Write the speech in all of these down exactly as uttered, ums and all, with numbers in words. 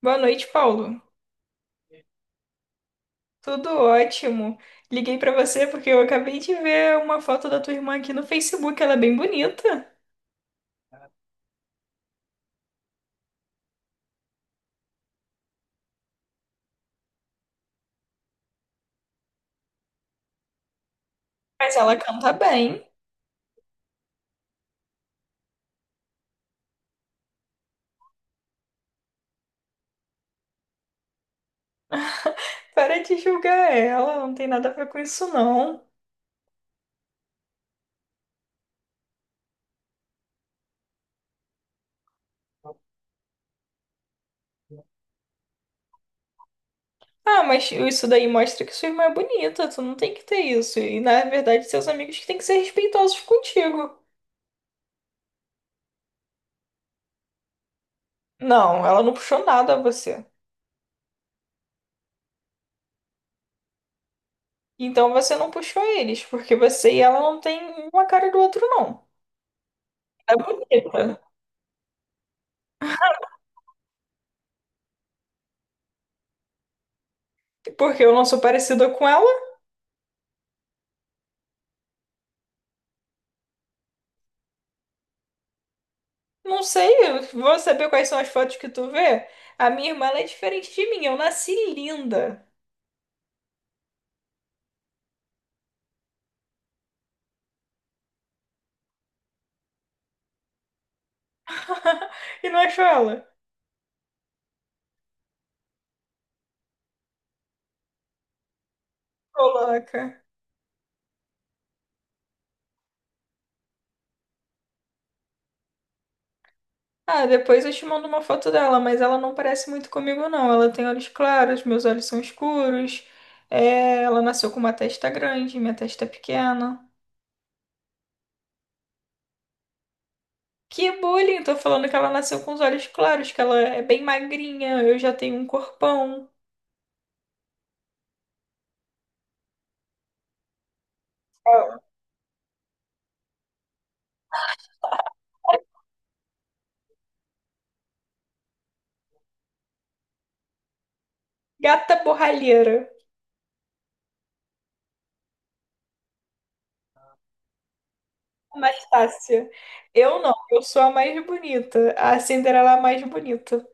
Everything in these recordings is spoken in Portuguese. Boa noite, Paulo. Tudo ótimo. Liguei pra você porque eu acabei de ver uma foto da tua irmã aqui no Facebook. Ela é bem bonita, mas ela canta bem. Para de julgar ela, não tem nada a ver com isso, não. Ah, mas isso daí mostra que sua irmã é bonita, tu não tem que ter isso. E na verdade, seus amigos que têm que ser respeitosos contigo. Não, ela não puxou nada a você. Então você não puxou eles, porque você e ela não tem uma cara do outro, não. É bonita. Porque eu não sou parecida com ela. Não sei, eu vou saber quais são as fotos que tu vê. A minha irmã, ela é diferente de mim. Eu nasci linda. E não achou ela? Coloca. Ah, depois eu te mando uma foto dela, mas ela não parece muito comigo, não. Ela tem olhos claros, meus olhos são escuros. É, ela nasceu com uma testa grande, minha testa é pequena. Que bullying! Tô falando que ela nasceu com os olhos claros, que ela é bem magrinha, eu já tenho um corpão. Gata borralheira. Anastácia. Eu não, eu sou a mais bonita. A Cinderela é a mais bonita.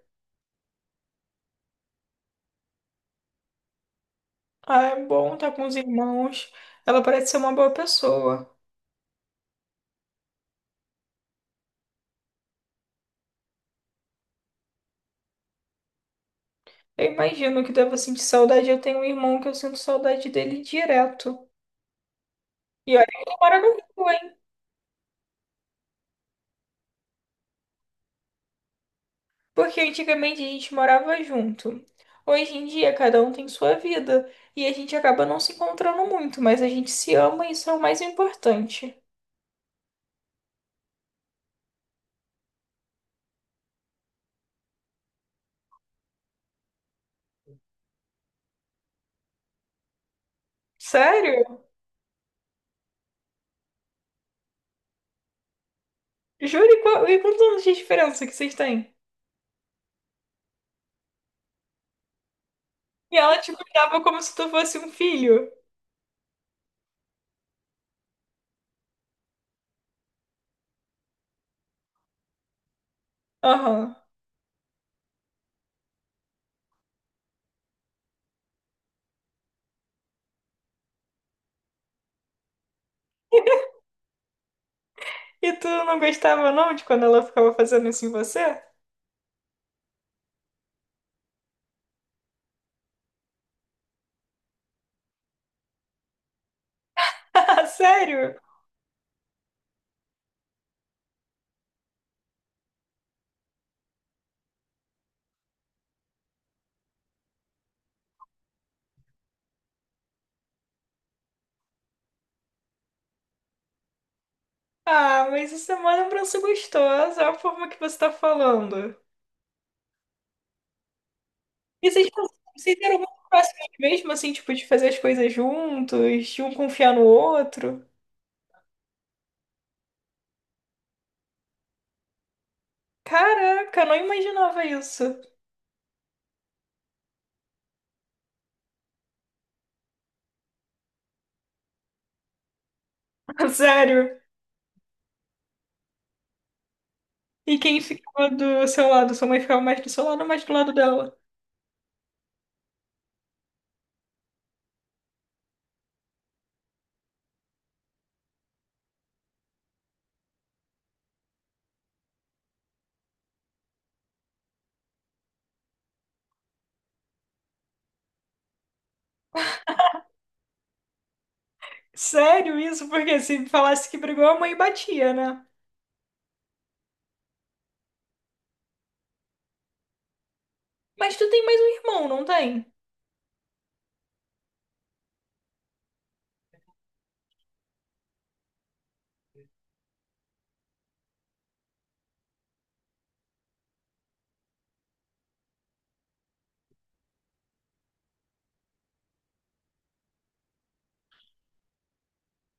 Ah, é bom tá com os irmãos. Ela parece ser uma boa pessoa. Eu imagino que deva sentir saudade. Eu tenho um irmão que eu sinto saudade dele direto. E olha que ele mora no Rio, hein? Porque antigamente a gente morava junto. Hoje em dia, cada um tem sua vida. E a gente acaba não se encontrando muito, mas a gente se ama e isso é o mais importante. Sério? Juro, e qual- e quantos anos de diferença que vocês têm? E ela te cuidava como se tu fosse um filho. Aham. E tu não gostava não de quando ela ficava fazendo isso em você? Sério? Ah, mas isso é uma lembrança gostosa, é a forma que você tá falando. E vocês, vocês eram muito próximos mesmo, assim, tipo, de fazer as coisas juntos, de um confiar no outro? Caraca, eu não imaginava isso. Sério. E quem ficava do seu lado? Sua mãe ficava mais do seu lado ou mais do lado dela? Sério isso? Porque se falasse que brigou, a mãe batia, né? Mas tu tem mais um irmão, não tem?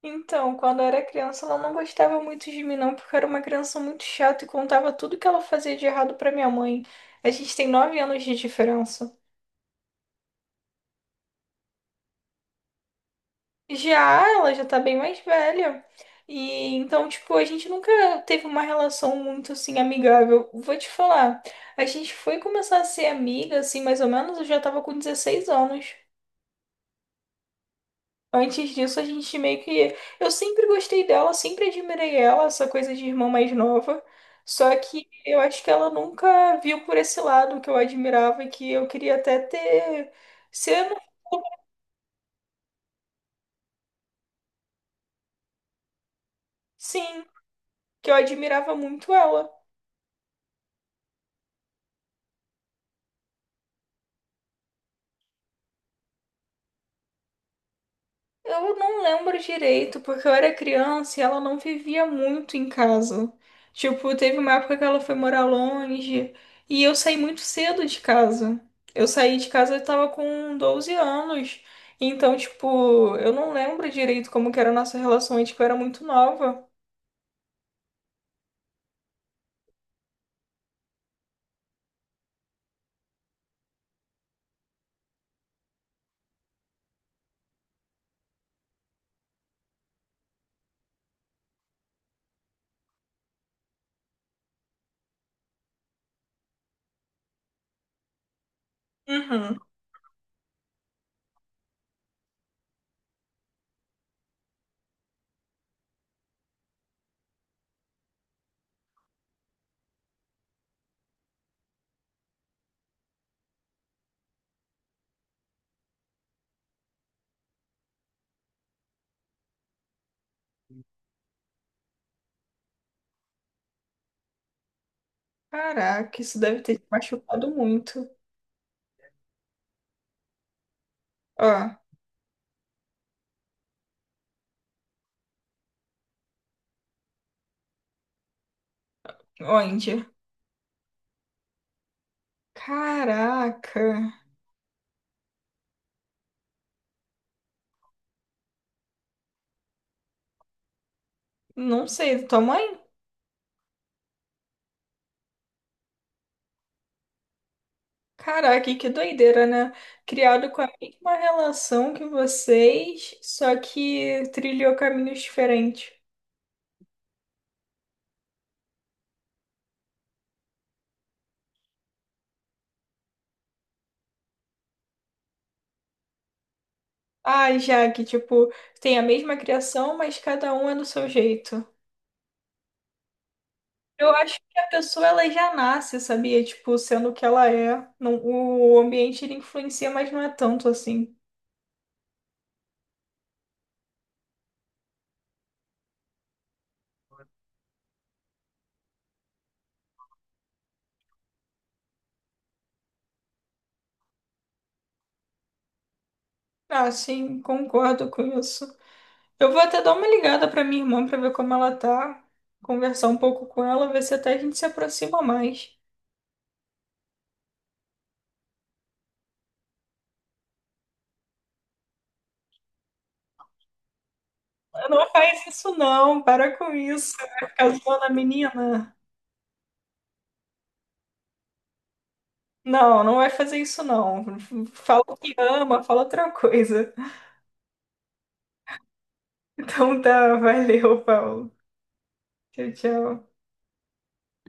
Então, quando eu era criança, ela não gostava muito de mim, não, porque eu era uma criança muito chata e contava tudo que ela fazia de errado pra minha mãe. A gente tem nove anos de diferença. Já ela já tá bem mais velha. E então, tipo, a gente nunca teve uma relação muito assim amigável. Vou te falar, a gente foi começar a ser amiga, assim, mais ou menos, eu já tava com dezesseis anos. Antes disso, a gente meio que. Eu sempre gostei dela, sempre admirei ela, essa coisa de irmã mais nova. Só que eu acho que ela nunca viu por esse lado que eu admirava e que eu queria até ter. Ser, sim, que eu admirava muito ela. Eu não lembro direito, porque eu era criança e ela não vivia muito em casa. Tipo, teve uma época que ela foi morar longe e eu saí muito cedo de casa. Eu saí de casa, eu tava com doze anos. Então, tipo, eu não lembro direito como que era a nossa relação, e, tipo, eu era muito nova. Uhum. Caraca, isso deve ter te machucado muito. Ó, onde? Caraca. Não sei, tua mãe? Caraca, que doideira, né? Criado com a mesma relação que vocês, só que trilhou caminhos diferentes. Ai, já que, tipo, tem a mesma criação, mas cada um é do seu jeito. Eu acho que a pessoa, ela já nasce, sabia? Tipo, sendo o que ela é. Não, o ambiente, ele influencia, mas não é tanto assim. Ah, sim, concordo com isso. Eu vou até dar uma ligada pra minha irmã pra ver como ela tá, conversar um pouco com ela, ver se até a gente se aproxima mais. Não faz isso não, para com isso. Vai ficar zoando a menina. Não, não vai fazer isso não. Fala o que ama, fala outra coisa. Então tá, valeu, Paulo. Tchau, tchau.